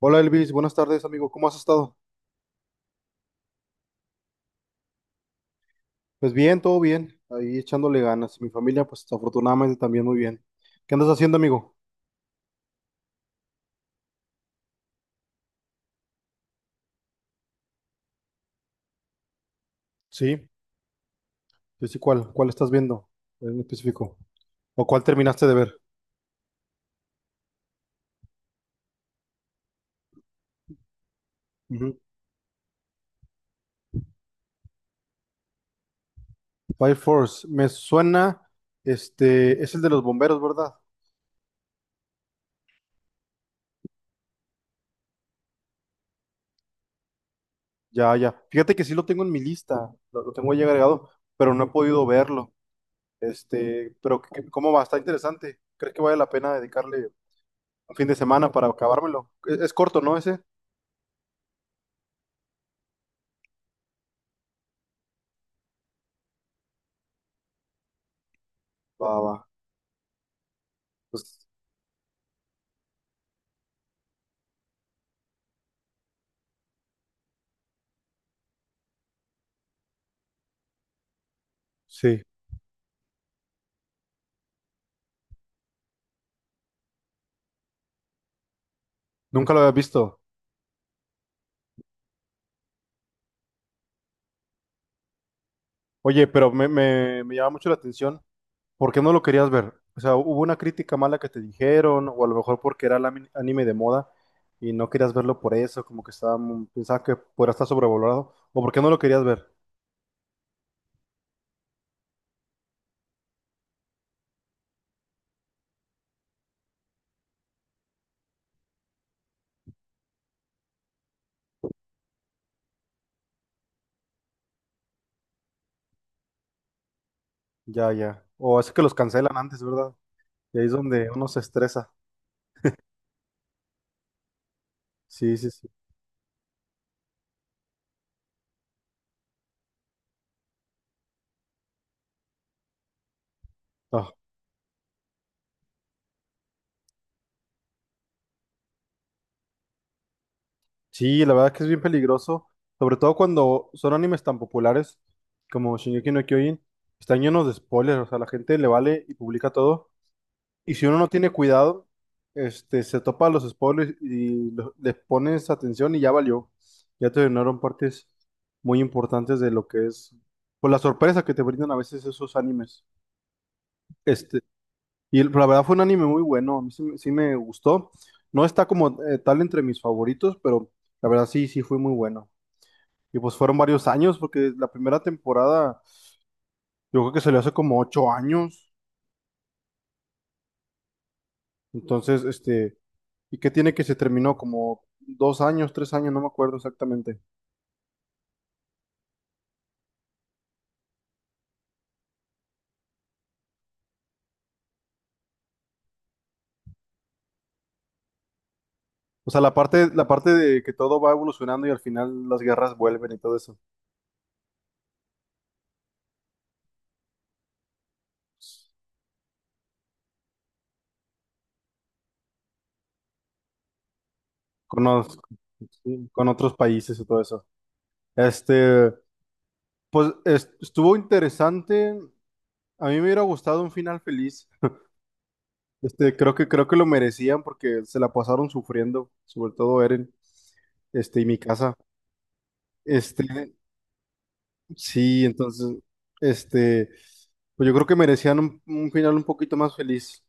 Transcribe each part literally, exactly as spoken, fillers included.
Hola Elvis, buenas tardes amigo, ¿cómo has estado? Pues bien, todo bien, ahí echándole ganas. Mi familia, pues afortunadamente también muy bien. ¿Qué andas haciendo amigo? Sí, sí, sí, ¿cuál? ¿Cuál estás viendo en específico? ¿O cuál terminaste de ver? Ujú. Fire Force, me suena, este, es el de los bomberos, ¿verdad? Ya, ya. Fíjate que sí lo tengo en mi lista, lo, lo tengo ahí agregado, pero no he podido verlo. Este, pero ¿qué- ¿cómo va? Está interesante. ¿Crees que vale la pena dedicarle un fin de semana para acabármelo? Es, es corto, ¿no? Ese. Va, va. Pues sí, nunca lo había visto. Oye, pero me, me, me llama mucho la atención. ¿Por qué no lo querías ver? O sea, ¿hubo una crítica mala que te dijeron? O a lo mejor porque era lami- anime de moda y no querías verlo por eso, como que estaba, mu- pensaba que podría estar sobrevalorado. ¿O por qué no lo querías ver? Ya, ya. O es que los cancelan antes, ¿verdad? Y ahí es donde uno se estresa. Sí, sí, sí. Ah. Sí, la verdad es que es bien peligroso, sobre todo cuando son animes tan populares como Shingeki no Kyojin, están llenos de spoilers, o sea, la gente le vale y publica todo, y si uno no tiene cuidado, este, se topa los spoilers y lo- le pones atención y ya valió, ya te dieron partes muy importantes de lo que es, por la sorpresa que te brindan a veces esos animes, este, y el- la verdad fue un anime muy bueno, a mí sí, me sí me gustó, no está como eh, tal entre mis favoritos, pero la verdad sí, sí fue muy bueno. Y pues fueron varios años, porque la primera temporada, yo creo que salió hace como ocho años. Entonces, este, ¿y qué tiene que se terminó? Como dos años, tres años, no me acuerdo exactamente. O sea, la parte, la parte de que todo va evolucionando y al final las guerras vuelven y todo eso. Con los- sí, con otros países y todo eso. Este, pues es- estuvo interesante. A mí me hubiera gustado un final feliz. Este, creo que, creo que lo merecían porque se la pasaron sufriendo, sobre todo Eren, este, y mi. Este, sí, entonces, este, pues yo creo que merecían un, un final un poquito más feliz,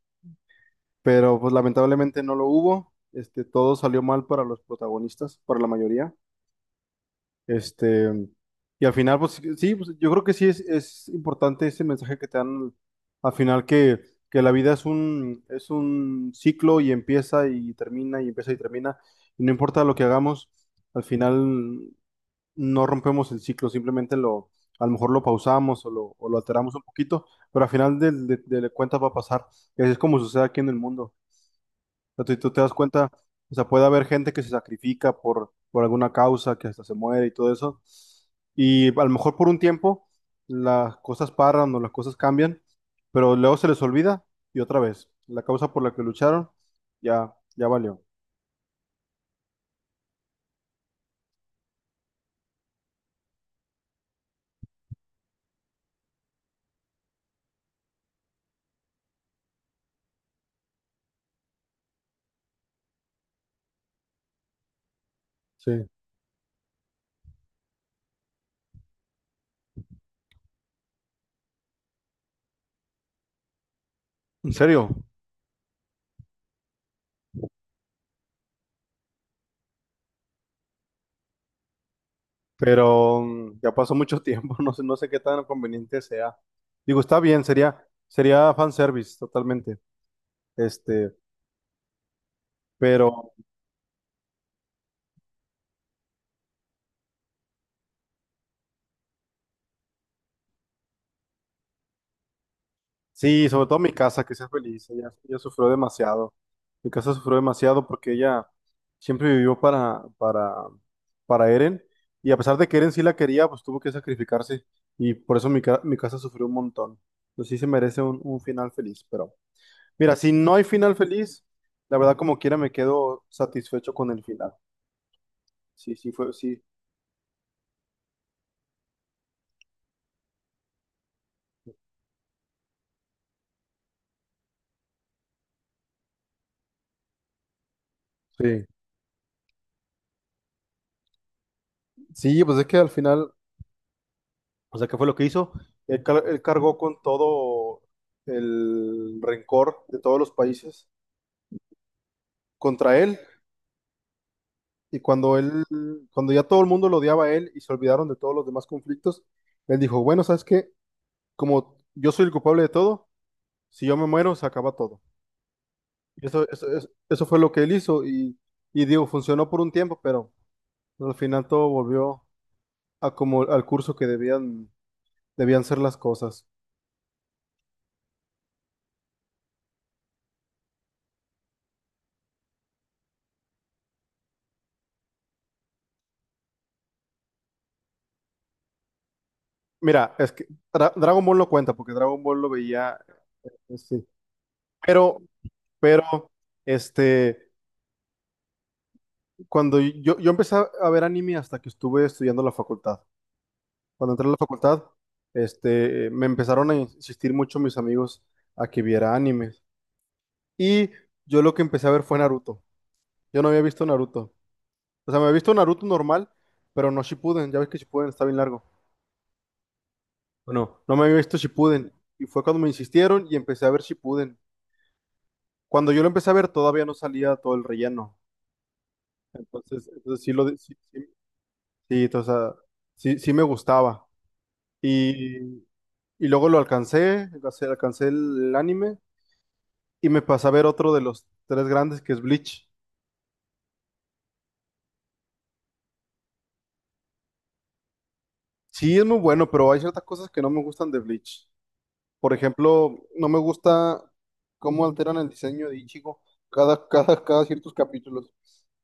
pero pues lamentablemente no lo hubo. Este, todo salió mal para los protagonistas, para la mayoría. Este, y al final, pues sí, pues, yo creo que sí es, es importante ese mensaje que te dan al final que, que la vida es un, es un ciclo y empieza y termina y empieza y termina. Y no importa lo que hagamos, al final no rompemos el ciclo, simplemente lo, a lo mejor lo pausamos o lo, o lo alteramos un poquito, pero al final del- de, de, cuentas va a pasar. Y así es como sucede aquí en el mundo. O sea, tú, tú te das cuenta, o sea, puede haber gente que se sacrifica por, por alguna causa, que hasta se muere y todo eso. Y a lo mejor por un tiempo las cosas paran o las cosas cambian, pero luego se les olvida y otra vez, la causa por la que lucharon ya, ya valió. Sí. En serio. Pero mm, ya pasó mucho tiempo, no sé, no sé qué tan conveniente sea. Digo, está bien, sería, sería fanservice totalmente. Este, pero sí, sobre todo mi casa, que sea feliz. Ella, ella sufrió demasiado. Mi casa sufrió demasiado porque ella siempre vivió para, para, para Eren. Y a pesar de que Eren sí la quería, pues tuvo que sacrificarse. Y por eso mi, ca- mi casa sufrió un montón. Pues sí se merece un, un final feliz, pero. Mira, si no hay final feliz, la verdad como quiera me quedo satisfecho con el final. Sí, sí fue, sí. Sí, sí, pues es que al final, o sea, ¿qué fue lo que hizo? Él, car- él cargó con todo el rencor de todos los países contra él y cuando él, cuando ya todo el mundo lo odiaba a él y se olvidaron de todos los demás conflictos, él dijo, bueno, ¿sabes qué? Como yo soy el culpable de todo, si yo me muero, se acaba todo. Eso, eso, eso, eso fue lo que él hizo y, y digo, funcionó por un tiempo, pero... Al final todo volvió a como al curso que debían, debían ser las cosas. Mira, es que Dra- Dragon Ball no cuenta porque Dragon Ball lo veía, este, pero, pero, este, cuando yo, yo empecé a ver anime hasta que estuve estudiando en la facultad. Cuando entré a la facultad, este, me empezaron a insistir mucho mis amigos a que viera animes. Y yo lo que empecé a ver fue Naruto. Yo no había visto Naruto. O sea, me había visto Naruto normal, pero no Shippuden. Ya ves que Shippuden está bien largo. Bueno, no me había visto Shippuden y fue cuando me insistieron y empecé a ver Shippuden. Cuando yo lo empecé a ver todavía no salía todo el relleno, entonces, entonces sí lo de- sí, sí, sí, o sea, sí, sí me gustaba y, y luego lo alcancé, alcancé, alcancé el anime y me pasé a ver otro de los tres grandes que es Bleach. Sí, es muy bueno, pero hay ciertas cosas que no me gustan de Bleach. Por ejemplo, no me gusta cómo alteran el diseño de Ichigo cada, cada, cada ciertos capítulos.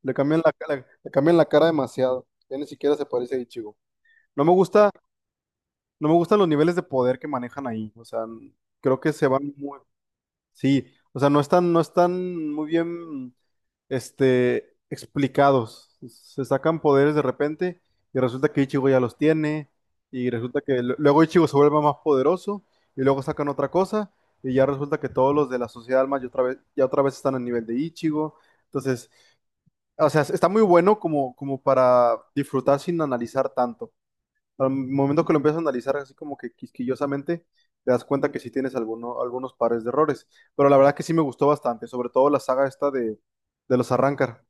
Le cambian la cara, le cambian la cara demasiado. Ya ni siquiera se parece a Ichigo. No me gusta, no me gustan los niveles de poder que manejan ahí. O sea, creo que se van muy. Sí, o sea, no están, no están muy bien, este, explicados. Se sacan poderes de repente y resulta que Ichigo ya los tiene y resulta que lu- luego Ichigo se vuelve más poderoso y luego sacan otra cosa y ya resulta que todos los de la Sociedad Alma ya otra vez, ya otra vez están a nivel de Ichigo. Entonces, o sea, está muy bueno como, como para disfrutar sin analizar tanto. Al momento que lo empiezas a analizar así como que quisquillosamente, te das cuenta que sí tienes alguno- algunos pares de errores. Pero la verdad que sí me gustó bastante, sobre todo la saga esta de, de los Arrancar.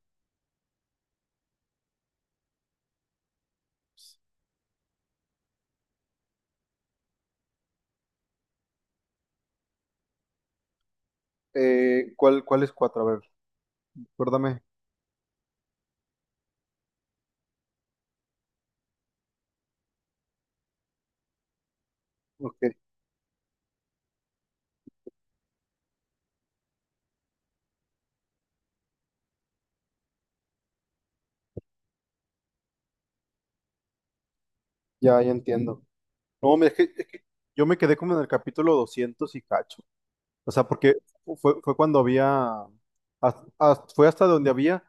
Eh, ¿cuál, cuál es cuatro? A ver, recuérdame. Ok, ya, ya entiendo. No, mira, es que yo me quedé como en el capítulo doscientos y cacho. O sea, porque fue, fue cuando había, hasta- hasta- fue hasta donde había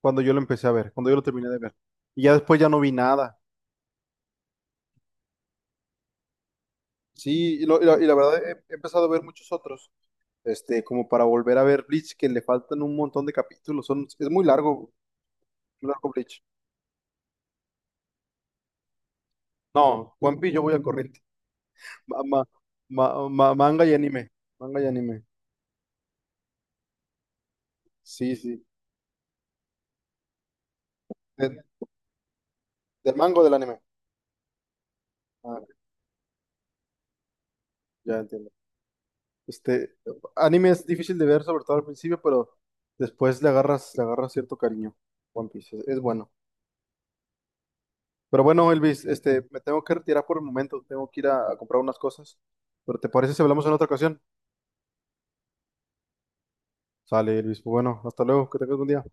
cuando yo lo empecé a ver, cuando yo lo terminé de ver. Y ya después ya no vi nada. Sí, y, lo- y la, y la verdad he, he empezado a ver muchos otros. Este, como para volver a ver Bleach, que le faltan un montón de capítulos. Son, es muy largo, muy largo Bleach. No, One Piece yo voy al corriente. Ma- ma- ma- ma- manga y anime. Manga y anime. Sí, sí. De- del mango del anime. Ah, ya entiendo. Este, anime es difícil de ver, sobre todo al principio, pero después le agarras, le agarras cierto cariño. One Piece es, es bueno. Pero bueno, Elvis, este, me tengo que retirar por el momento. Tengo que ir a, a comprar unas cosas. Pero ¿te parece si hablamos en otra ocasión? Sale, Elvis. Pues Bueno, hasta luego. Que tengas buen día.